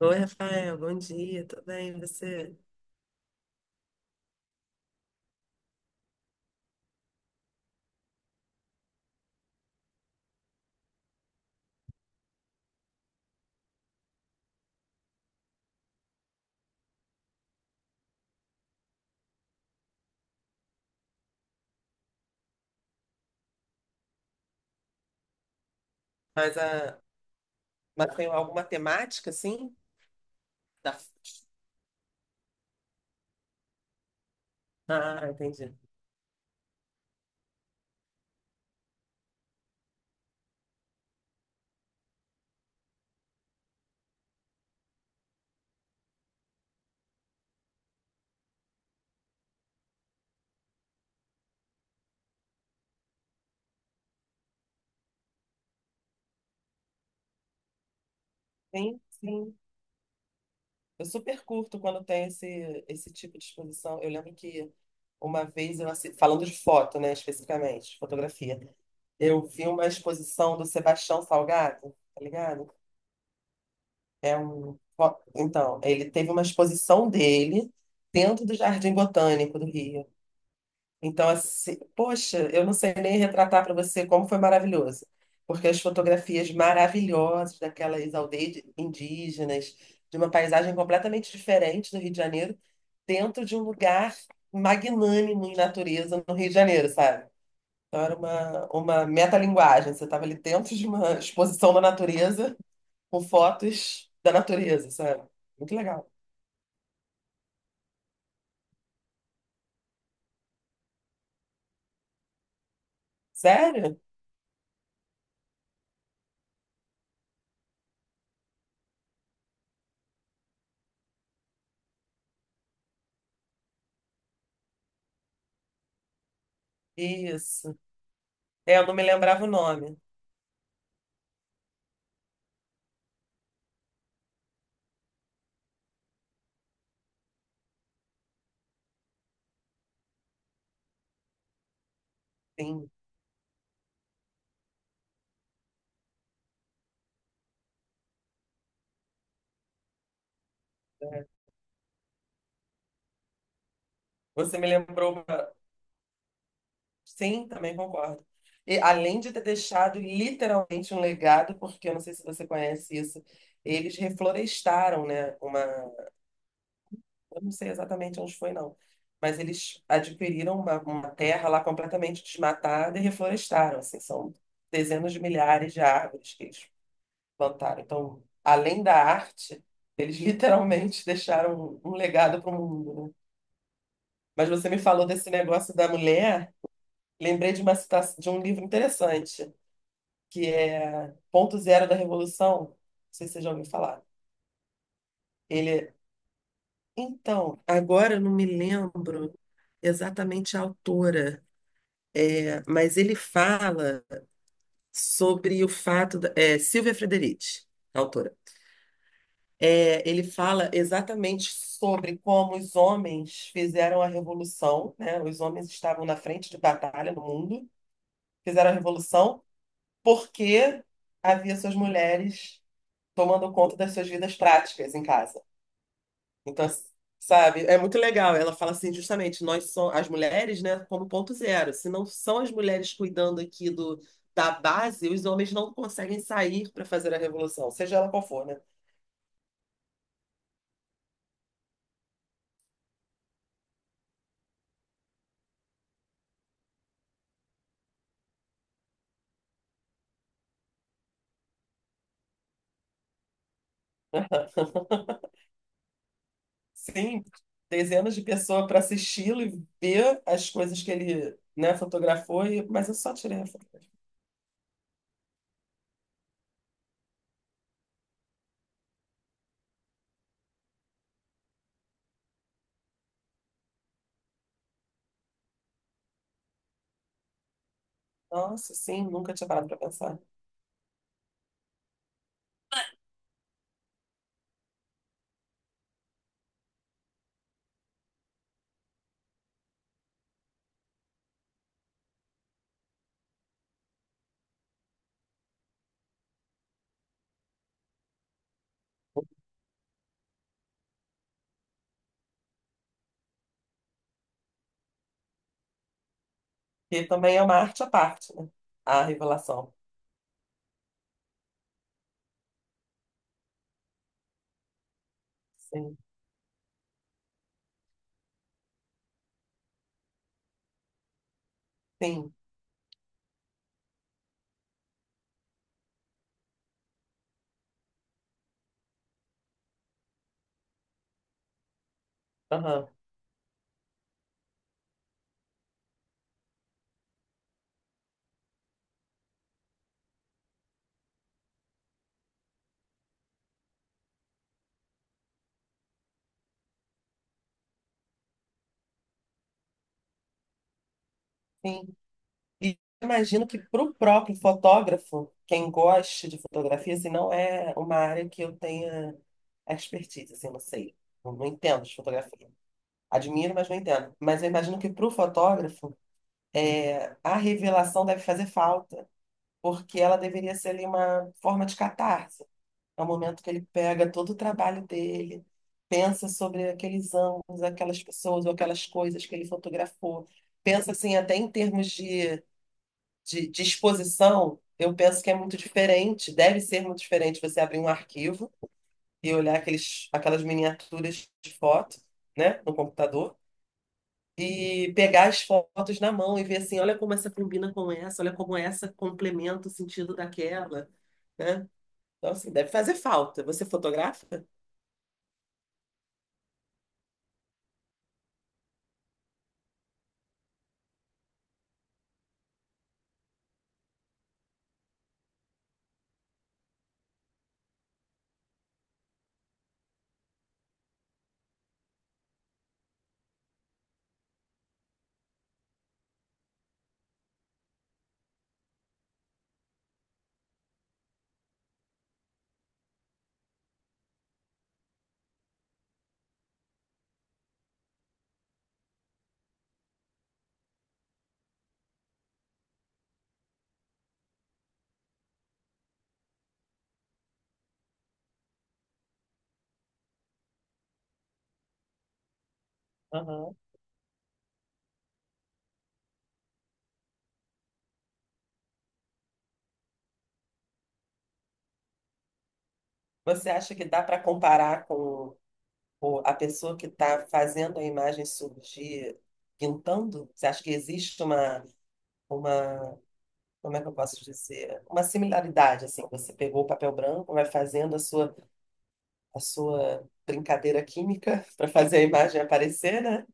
Oi, Rafael, bom dia, tudo bem? E você? Mas, a... Mas tem alguma temática, assim? Da... Ah, entendi. Sim, sim. Eu super curto quando tem esse tipo de exposição. Eu lembro que uma vez, eu assi- falando de foto, né, especificamente, de fotografia, eu vi uma exposição do Sebastião Salgado, tá ligado? É um... fo- Então, ele teve uma exposição dele dentro do Jardim Botânico do Rio. Então, assim, poxa, eu não sei nem retratar para você como foi maravilhoso, porque as fotografias maravilhosas daquelas aldeias de- indígenas, de uma paisagem completamente diferente do Rio de Janeiro, dentro de um lugar magnânimo em natureza no Rio de Janeiro, sabe? Então, era uma metalinguagem, você estava ali dentro de uma exposição da natureza, com fotos da natureza, sabe? Muito legal. Sério? Isso. É, eu não me lembrava o nome. Sim, é. Você me lembrou. Sim, também concordo. E, além de ter deixado literalmente um legado, porque eu não sei se você conhece isso, eles reflorestaram, né? Uma, eu não sei exatamente onde foi, não, mas eles adquiriram uma terra lá completamente desmatada e reflorestaram. Assim, são dezenas de milhares de árvores que eles plantaram. Então, além da arte, eles literalmente deixaram um legado para o mundo, né? Mas você me falou desse negócio da mulher, lembrei de uma citação de um livro interessante que é Ponto Zero da Revolução. Não sei se você já ouviu falar. Ele. Então, agora eu não me lembro exatamente a autora, é, mas ele fala sobre o fato. Da- É, Silvia Frederici, a autora. É, ele fala exatamente sobre como os homens fizeram a revolução, né? Os homens estavam na frente de batalha no mundo, fizeram a revolução porque havia suas mulheres tomando conta das suas vidas práticas em casa. Então, sabe, é muito legal. Ela fala assim, justamente, nós somos as mulheres, né, como ponto zero. Se não são as mulheres cuidando aqui do, da base, os homens não conseguem sair para fazer a revolução, seja ela qual for, né? Sim, dezenas de pessoas para assisti-lo e ver as coisas que ele, né, fotografou, e, mas eu só tirei a foto. Nossa, sim, nunca tinha parado para pensar. E também é uma arte à parte, né? A revelação. Sim, sim, aham, sim. E imagino que para o próprio fotógrafo, quem gosta de fotografia, assim, não é uma área que eu tenha expertise, assim, não sei. Eu não entendo de fotografia. Admiro, mas não entendo. Mas eu imagino que para o fotógrafo, é, a revelação deve fazer falta, porque ela deveria ser ali uma forma de catarse. É o momento que ele pega todo o trabalho dele, pensa sobre aqueles ângulos, aquelas pessoas ou aquelas coisas que ele fotografou. Pensa, assim, até em termos de de exposição, eu penso que é muito diferente, deve ser muito diferente você abrir um arquivo e olhar aqueles, aquelas miniaturas de foto, né, no computador, e pegar as fotos na mão e ver assim, olha como essa combina com essa, olha como essa complementa o sentido daquela, né? Então, assim, deve fazer falta. Você fotografa? Aham. Você acha que dá para comparar com o- a pessoa que está fazendo a imagem surgir, pintando? Você acha que existe uma como é que eu posso dizer? Uma similaridade, assim, você pegou o papel branco, vai fazendo a sua brincadeira química para fazer a imagem aparecer, né?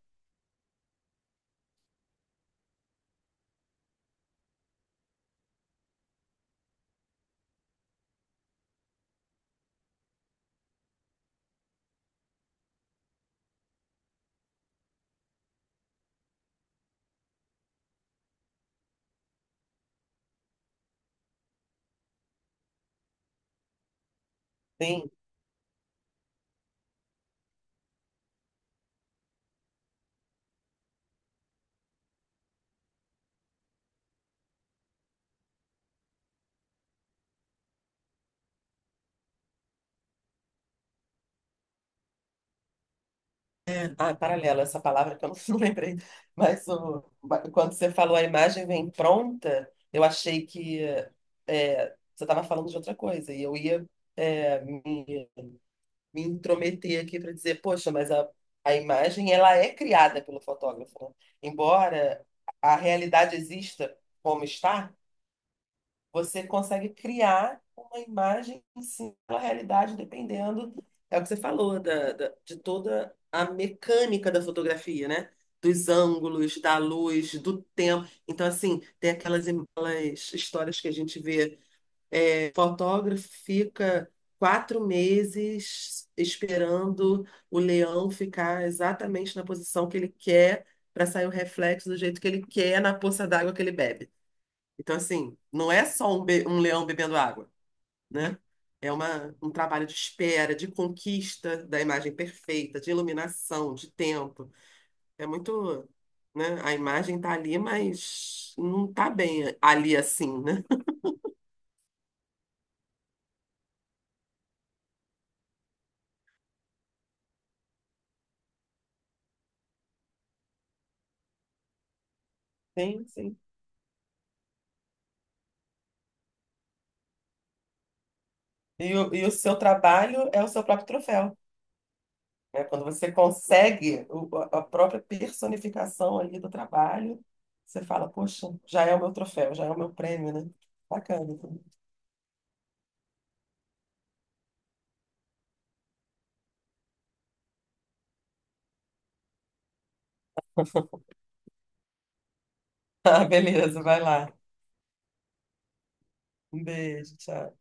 Sim. Ah, é paralelo, essa palavra que eu não, não lembrei. Mas o, quando você falou a imagem vem pronta, eu achei que é, você estava falando de outra coisa e eu ia é, me intrometer aqui para dizer, poxa, mas a imagem ela é criada pelo fotógrafo, né? Embora a realidade exista como está, você consegue criar uma imagem em cima da realidade, dependendo, é o que você falou, da, da- de toda a mecânica da fotografia, né? Dos ângulos, da luz, do tempo. Então, assim, tem aquelas, aquelas histórias que a gente vê fotógrafo fica 4 meses esperando o leão ficar exatamente na posição que ele quer para sair o reflexo do jeito que ele quer na poça d'água que ele bebe. Então, assim, não é só um, be- um leão bebendo água, né? É uma, um trabalho de espera, de conquista da imagem perfeita, de iluminação, de tempo. É muito, né? A imagem tá ali, mas não tá bem ali assim, né? Sim, sim. E o seu trabalho é o seu próprio troféu, né? Quando você consegue o- a própria personificação ali do trabalho, você fala, poxa, já é o meu troféu, já é o meu prêmio, né? Bacana. Ah, beleza, vai lá. Um beijo, tchau.